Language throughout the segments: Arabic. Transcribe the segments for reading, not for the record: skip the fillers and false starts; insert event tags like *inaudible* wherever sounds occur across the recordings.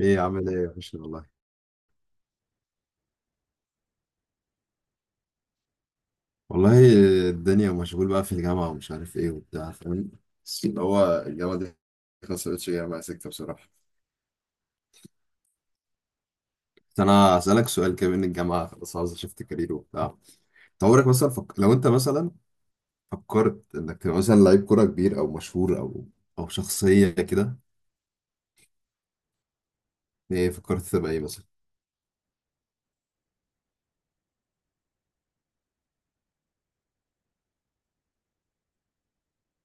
ايه عامل ايه يا باشا والله. والله الدنيا مشغول بقى في الجامعة ومش عارف ايه وبتاع فاهم. بس اللي هو الجامعة دي، ما سألتش جامعة سكتة بصراحة. بس انا هسألك سؤال كده، من الجامعة خلاص عاوز اشفت كارير وبتاع. أنت عمرك مثلا لو انت مثلا فكرت انك تبقى مثلا لعيب كورة كبير او مشهور او شخصية كده، ايه فكرت تبقى ايه مثلا؟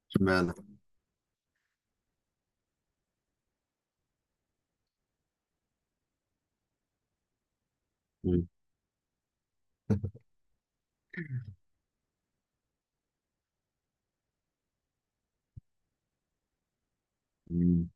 اشمعنى؟ مم. مم.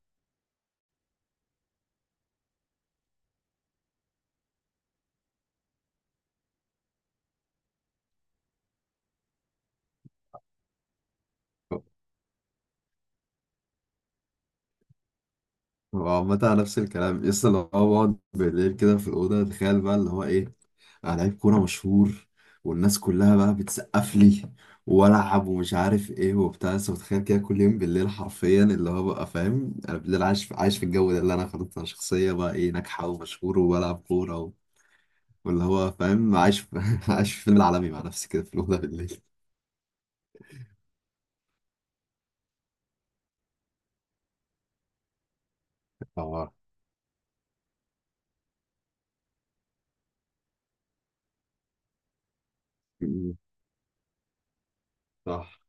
هو عامة على نفس الكلام لسه، لو هو بقعد بالليل كده في الأوضة، تخيل بقى اللي هو إيه. لعيب كورة مشهور، والناس كلها بقى بتسقف لي، والعب ومش عارف ايه وبتاع. بس متخيل كده كل يوم بالليل حرفيا اللي هو بقى فاهم، انا بالليل عايش عايش في الجو ده، اللي انا خلاص انا شخصية بقى ايه ناجحة ومشهور وبلعب كورة و... واللي هو فاهم عايش في... *laughs* عايش في فيلم العالمي مع نفسي كده في الأوضة بالليل. طبعا. م. صح.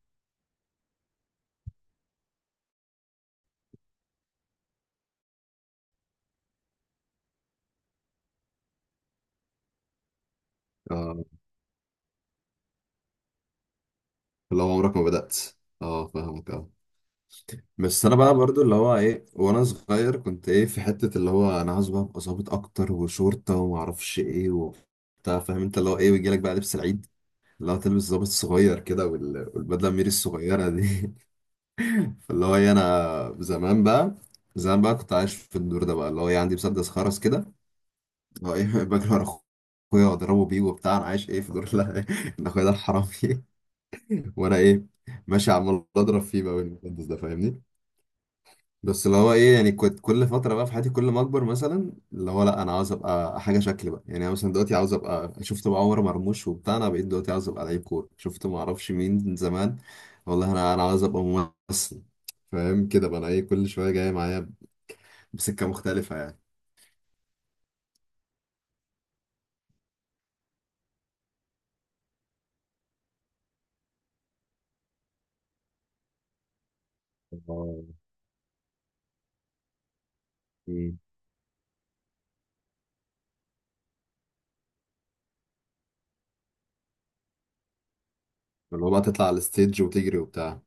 اه، اللي هو عمرك ما بدأت. اه فاهمك اه. بس انا بقى برضو اللي هو ايه، وانا صغير كنت ايه في حتة اللي هو انا عاوز بقى ابقى ظابط اكتر وشرطة وما اعرفش ايه وبتاع فاهم انت، اللي هو ايه ويجي لك بقى لبس العيد، اللي هو تلبس ظابط صغير كده، والبدلة الميري الصغيرة دي. *laughs* فاللي هو ايه انا زمان بقى، كنت عايش في الدور ده بقى اللي هو ايه عندي مسدس خرز كده، اللي هو ايه *laughs* بجري ورا اخويا واضربه بيه وبتاع، انا عايش ايه في دور، لا *laughs* إن اخويا ده الحرامي *laughs* وانا ايه ماشي عمال اضرب فيه بقى بالمسدس ده فاهمني. بس اللي هو ايه يعني، كنت كل فتره بقى في حياتي كل ما اكبر مثلا اللي هو، لا انا عاوز ابقى حاجه شكل بقى، يعني انا مثلا دلوقتي عاوز ابقى شفت بقى عمر مرموش وبتاع، انا بقيت دلوقتي عاوز ابقى لعيب كوره شفت ما اعرفش مين زمان. والله انا عاوز ابقى ممثل. فاهم كده بقى، انا ايه كل شويه جاي معايا بسكه مختلفه يعني. آه. مم. اللي هو بقى تطلع على الستيج وتجري وبتاع.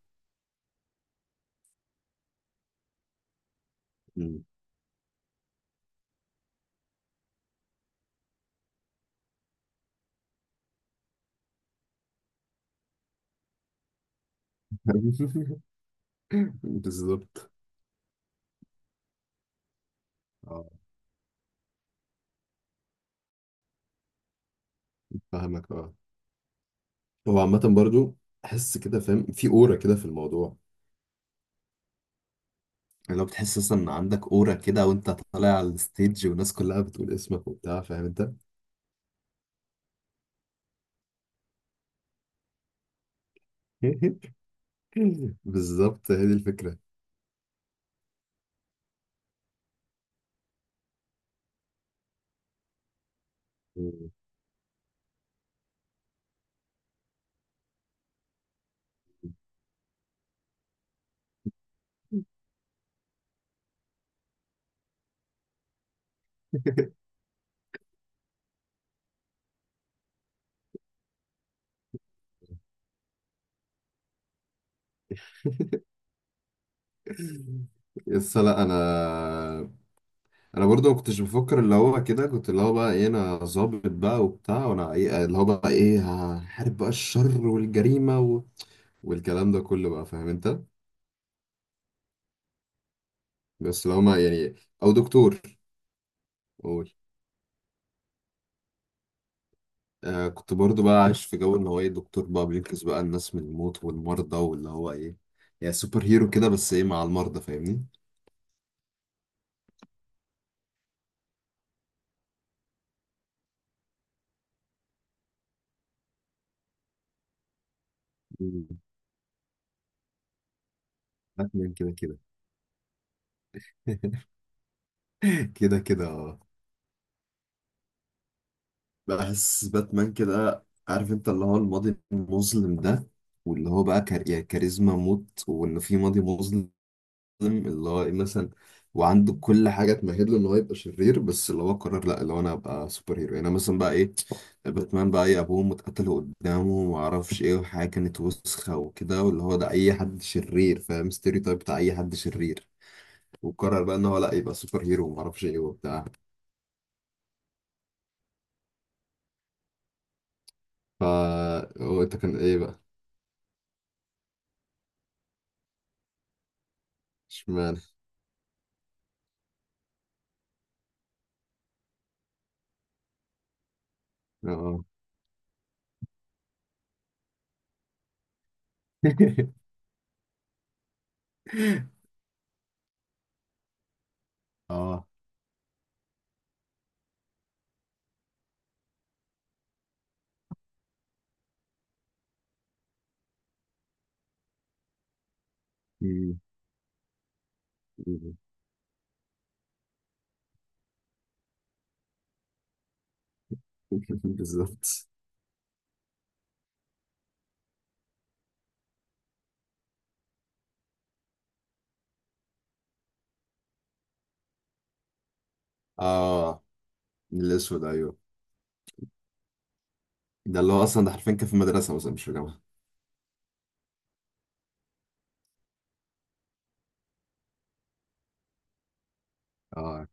مم. *laughs* بالظبط. اه فاهمك اه. هو عامة برضو احس كده فاهم، في اورا كده في الموضوع، اللي هو بتحس اصلا ان عندك اورا كده وانت طالع على الستيج والناس كلها بتقول اسمك وبتاع فاهم انت. *laughs* بالظبط هي دي الفكره. *laughs* يس. لا انا برضو ما كنتش بفكر اللي هو كده، كنت اللي هو بقى ايه انا ظابط بقى وبتاع، وانا ايه اللي هو بقى ايه هحارب بقى الشر والجريمه و... والكلام ده كله بقى فاهم انت. بس اللي هو ما يعني، او دكتور. قول. آه كنت برضو بقى عايش في جو ان هو ايه دكتور بقى بينقذ بقى الناس من الموت والمرضى واللي هو ايه، يعني سوبر هيرو كده بس ايه مع المرضى فاهمني. مم. باتمان كده كده. *laughs* كده كده اه. بحس باتمان كده عارف انت اللي هو الماضي المظلم ده، واللي هو بقى يعني كاريزما موت، وانه في ماضي مظلم، اللي هو ايه مثلا، وعنده كل حاجه تمهد له ان هو يبقى شرير، بس اللي هو قرر لا، اللي هو انا ابقى سوبر هيرو. يعني أنا مثلا بقى ايه، باتمان بقى ايه، ابوه متقتل قدامه وما اعرفش ايه، وحاجه كانت وسخه وكده، واللي هو ده اي حد شرير فاهم، ستيريو تايب بتاع اي حد شرير. وقرر بقى ان هو لا، يبقى سوبر هيرو وما اعرفش ايه وبتاع. فا هو انت كان ايه بقى؟ اشمعنى؟ اه *laughs* اه *laughs* مم. بالظبط. اه الاسود ايوه. ده اللي هو اصلا ده حرفيا كان في مدرسه مثلا مش في جامعه. اه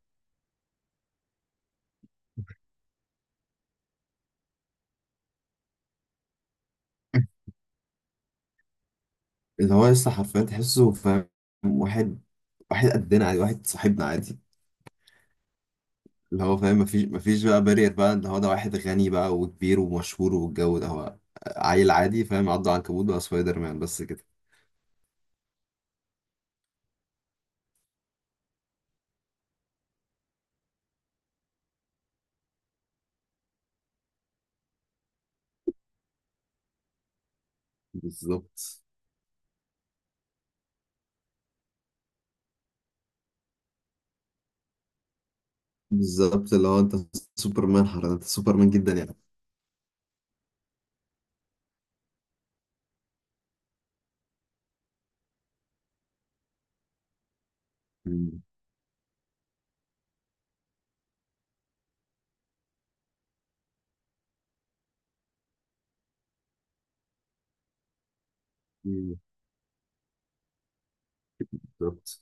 اللي هو لسه حرفيا تحسه فاهم، واحد واحد قدنا عادي واحد صاحبنا عادي. اللي هو فاهم، مفيش بقى بارير بقى اللي هو ده واحد غني بقى وكبير ومشهور والجو ده، هو عيل عادي فاهم، عضه عنكبوت بقى سبايدر مان بس كده. بالظبط بالظبط اللي هو انت سوبرمان حرفيا، انت سوبرمان جدا يعني. مم. مم. بالظبط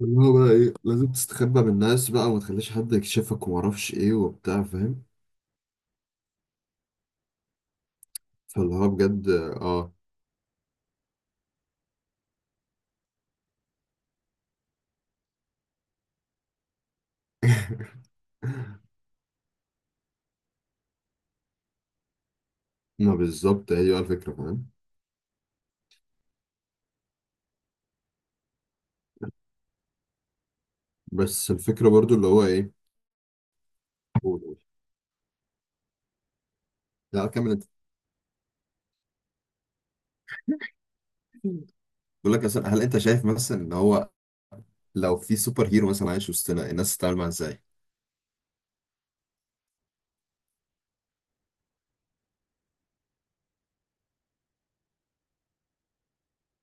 اللي هو بقى ايه لازم تستخبى من الناس بقى وما تخليش حد يكشفك وما اعرفش ايه وبتاع فاهم. فاللي هو بجد اه. ما بالظبط هي بقى الفكرة فاهم. بس الفكرة برضو اللي هو ايه. قول قول. لا كمل انت. بقول لك مثلا، هل انت شايف مثلا ان هو لو في سوبر هيرو مثلا عايش وسطنا، الناس تتعامل معاه ازاي؟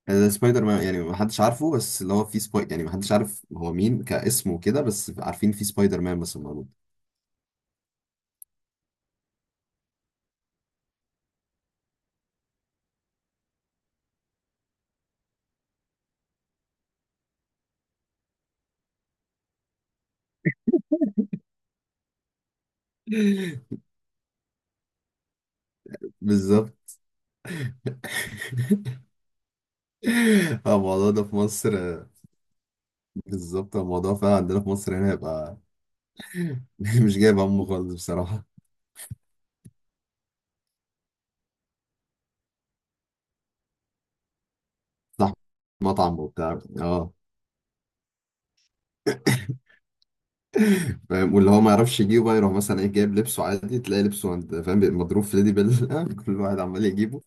يعني زي سبايدر مان يعني ما حدش عارفه، بس اللي هو في سباي، يعني ما حدش عارف هو مين كاسم وكده، بس عارفين في سبايدر مان مثلا موجود. *laughs* بالظبط. *laughs* الموضوع ده في مصر، بالظبط الموضوع فعلا عندنا في مصر هنا هيبقى *laughs* مش جايب همه خالص بصراحة. صح. مطعم وبتاع اه. فاهم، واللي هو ما يعرفش يجيبه بقى، يروح مثلا ايه جايب لبسه عادي تلاقي لبسه عند فاهم، بيبقى مضروب في ليدي بيل. *laughs* كل واحد عمال يجيبه.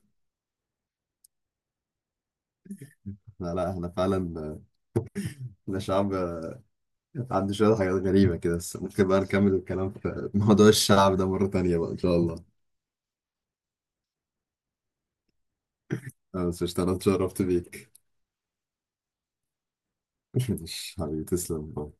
لا لا احنا فعلا، احنا شعب عنده شوية حاجات غريبة كده، بس ممكن بقى نكمل الكلام في موضوع الشعب ده مرة تانية بقى ان شاء الله. أنا بس قشطة، انا اتشرفت بيك. *laughs* مش حبيبي تسلم.